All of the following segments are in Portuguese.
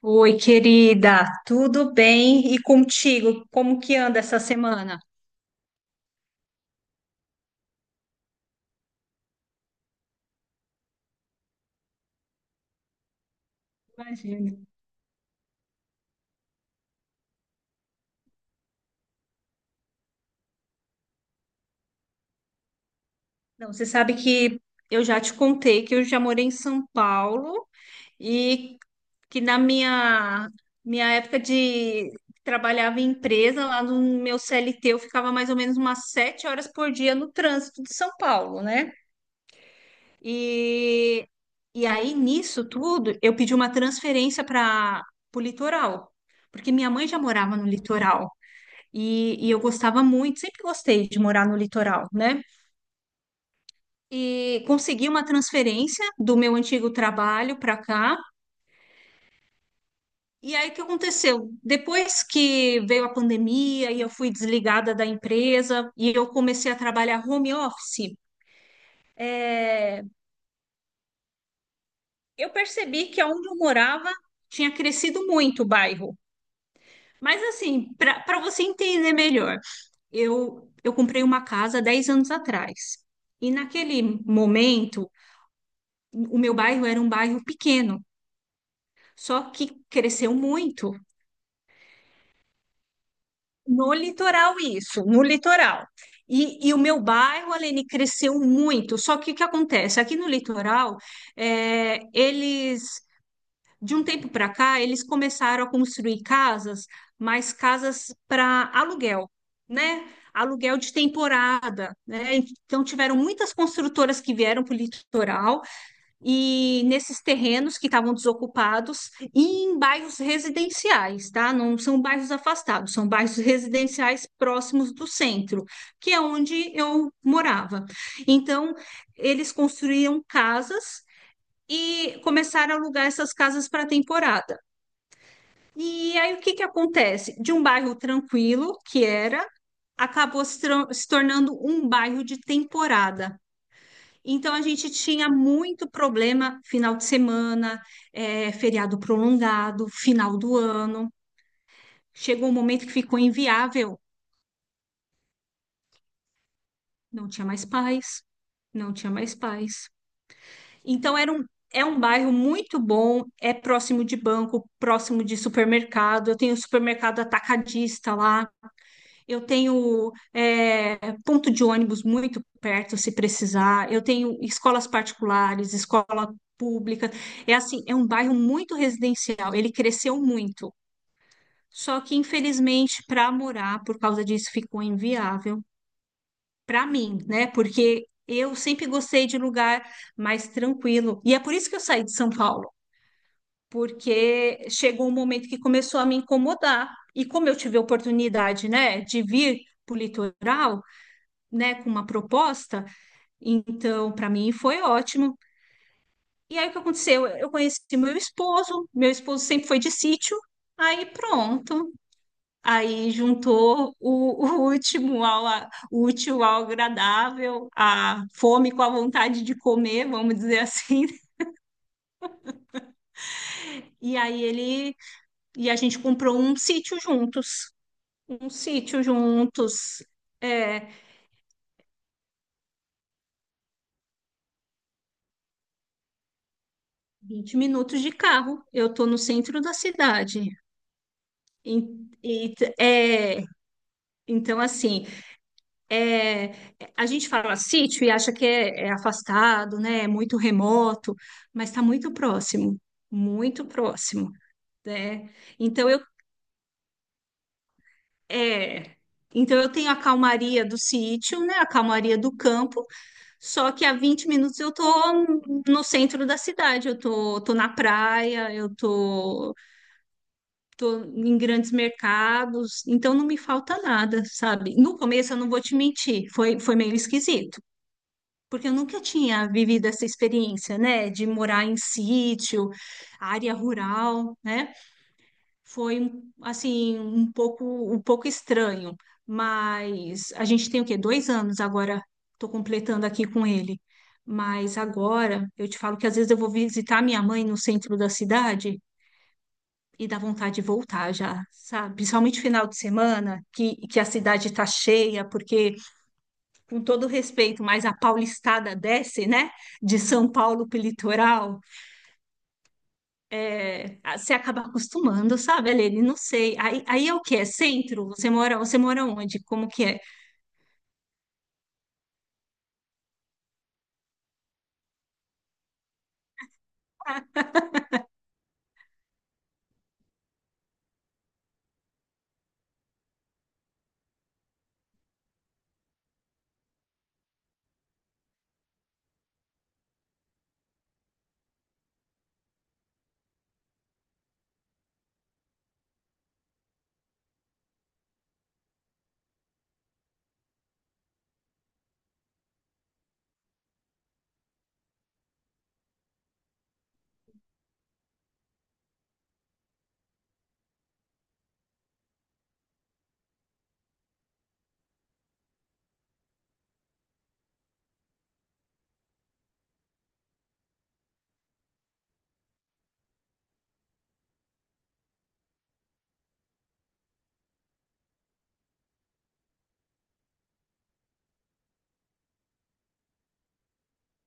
Oi, querida, tudo bem? E contigo? Como que anda essa semana? Imagino. Não, você sabe que eu já te contei que eu já morei em São Paulo e que na minha época de trabalhava em empresa, lá no meu CLT, eu ficava mais ou menos umas 7 horas por dia no trânsito de São Paulo, né? E, e aí, nisso tudo, eu pedi uma transferência para o litoral, porque minha mãe já morava no litoral. E eu gostava muito, sempre gostei de morar no litoral, né? E consegui uma transferência do meu antigo trabalho para cá. E aí, o que aconteceu? Depois que veio a pandemia e eu fui desligada da empresa e eu comecei a trabalhar home office, é, eu percebi que onde eu morava tinha crescido muito o bairro. Mas, assim, para você entender melhor, eu comprei uma casa 10 anos atrás. E naquele momento, o meu bairro era um bairro pequeno, só que cresceu muito no litoral isso, no litoral. E o meu bairro, Aline, cresceu muito. Só que o que acontece? Aqui no litoral, é, eles, de um tempo para cá, eles começaram a construir casas, mas casas para aluguel, né? Aluguel de temporada, né? Então tiveram muitas construtoras que vieram para o litoral e nesses terrenos que estavam desocupados e em bairros residenciais, tá? Não são bairros afastados, são bairros residenciais próximos do centro, que é onde eu morava. Então, eles construíam casas e começaram a alugar essas casas para temporada. E aí o que que acontece? De um bairro tranquilo que era, acabou se tornando um bairro de temporada. Então, a gente tinha muito problema final de semana, feriado prolongado, final do ano. Chegou um momento que ficou inviável, não tinha mais paz, não tinha mais paz. Então, é um bairro muito bom, é próximo de banco, próximo de supermercado. Eu tenho supermercado atacadista lá. Eu tenho ponto de ônibus muito perto, se precisar. Eu tenho escolas particulares, escola pública. É assim, é um bairro muito residencial. Ele cresceu muito. Só que, infelizmente, para morar, por causa disso, ficou inviável para mim, né? Porque eu sempre gostei de lugar mais tranquilo. E é por isso que eu saí de São Paulo, porque chegou um momento que começou a me incomodar. E como eu tive a oportunidade, né, de vir para o litoral, né, com uma proposta. Então, para mim foi ótimo. E aí o que aconteceu? Eu conheci meu esposo sempre foi de sítio, aí pronto. Aí juntou o útil ao agradável, a fome com a vontade de comer, vamos dizer assim. E aí ele e a gente comprou um sítio juntos, um sítio juntos. É, 20 minutos de carro. Eu tô no centro da cidade. E, e, é, Então, assim, é, a gente fala sítio e acha que é afastado, né? É muito remoto, mas está muito próximo, né? Então eu, é, então eu tenho a calmaria do sítio, né? A calmaria do campo, só que a 20 minutos eu tô no centro da cidade, tô na praia, tô em grandes mercados, então não me falta nada, sabe? No começo eu não vou te mentir, foi meio esquisito. Porque eu nunca tinha vivido essa experiência, né, de morar em sítio, área rural, né? Assim um pouco estranho, mas a gente tem o quê? 2 anos agora. Estou completando aqui com ele. Mas agora eu te falo que às vezes eu vou visitar minha mãe no centro da cidade e dá vontade de voltar já, sabe? Principalmente final de semana, que a cidade está cheia, porque com todo respeito, mas a paulistada desce, né? De São Paulo para o litoral, você acaba acostumando, sabe, Aline? Não sei. Aí é o que? É centro? Você mora onde? Como que é?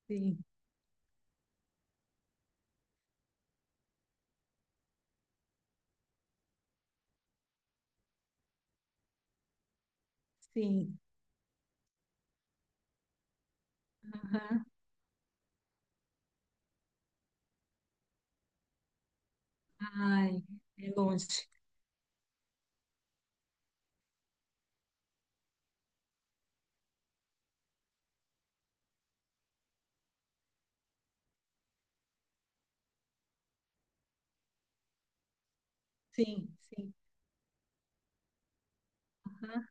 Sim, sim. Ai, é longe. Sim, sim. Aham,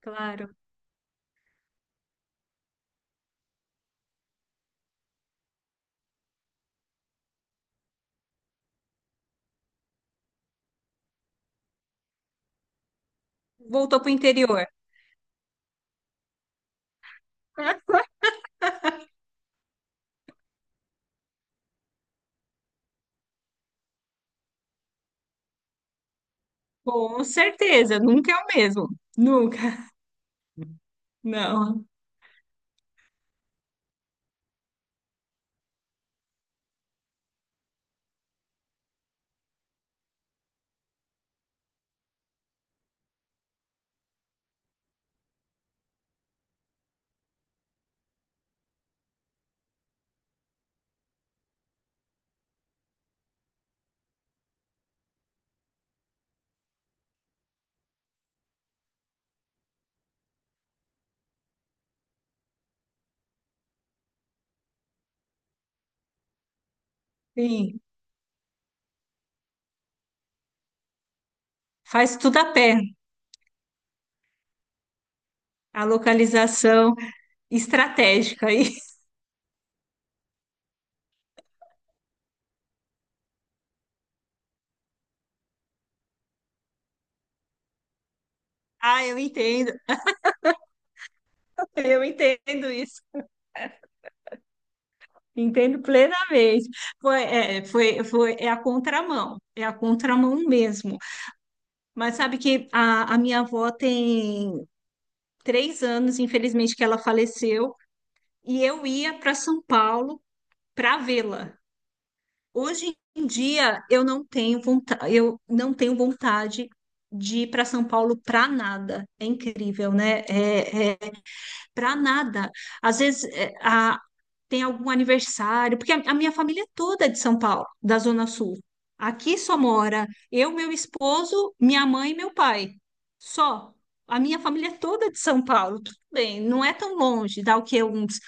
claro. Voltou para o interior. Hã? Com certeza, nunca é o mesmo. Nunca. Não. Sim. Faz tudo a pé. A localização estratégica aí. Ah, eu entendo. Eu entendo isso, entendo plenamente. Foi, é a contramão mesmo. Mas sabe que a minha avó tem 3 anos, infelizmente, que ela faleceu, e eu ia para São Paulo para vê-la. Hoje em dia eu não tenho vontade, eu não tenho vontade de ir para São Paulo para nada. É incrível, né? Para nada. Às vezes é, a- tem algum aniversário, porque a minha família é toda é de São Paulo, da Zona Sul. Aqui só mora eu, meu esposo, minha mãe e meu pai. Só. A minha família é toda é de São Paulo. Tudo bem, não é tão longe, dá o quê? Uns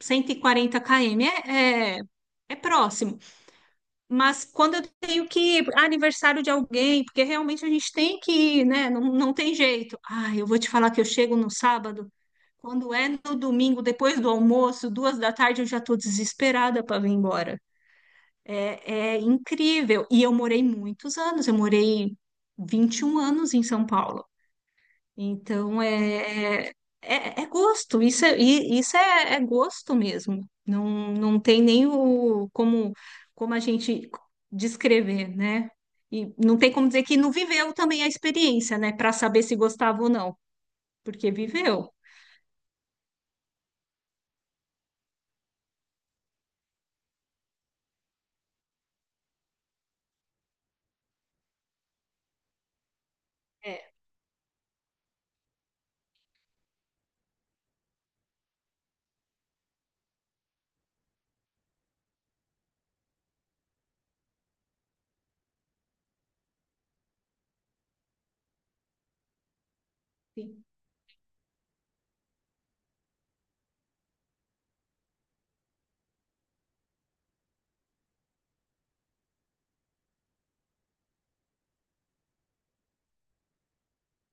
140 km. É próximo. Mas quando eu tenho que ir para aniversário de alguém, porque realmente a gente tem que ir, né? Não tem jeito. Ah, eu vou te falar que eu chego no sábado, quando é no domingo, depois do almoço, 2 da tarde, eu já estou desesperada para vir embora. É incrível. E eu morei muitos anos, eu morei 21 anos em São Paulo. Então é gosto, isso é, é gosto mesmo. Não, não tem nem como, como a gente descrever, né? E não tem como dizer que não viveu também a experiência, né? Para saber se gostava ou não, porque viveu. Sim,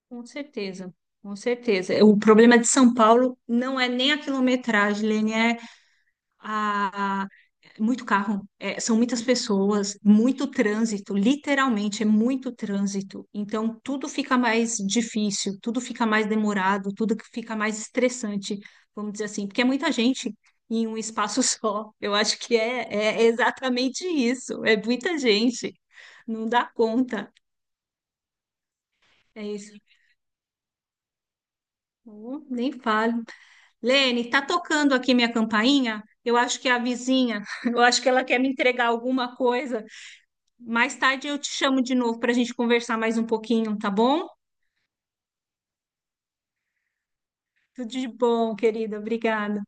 com certeza, com certeza. O problema de São Paulo não é nem a quilometragem, Lene, a- muito carro, são muitas pessoas, muito trânsito, literalmente é muito trânsito. Então tudo fica mais difícil, tudo fica mais demorado, tudo que fica mais estressante, vamos dizer assim, porque é muita gente em um espaço só. Eu acho que é exatamente isso, é muita gente, não dá conta. É isso. Oh, nem falo. Lene, tá tocando aqui minha campainha? Eu acho que é a vizinha, eu acho que ela quer me entregar alguma coisa. Mais tarde eu te chamo de novo para a gente conversar mais um pouquinho, tá bom? Tudo de bom, querida. Obrigada.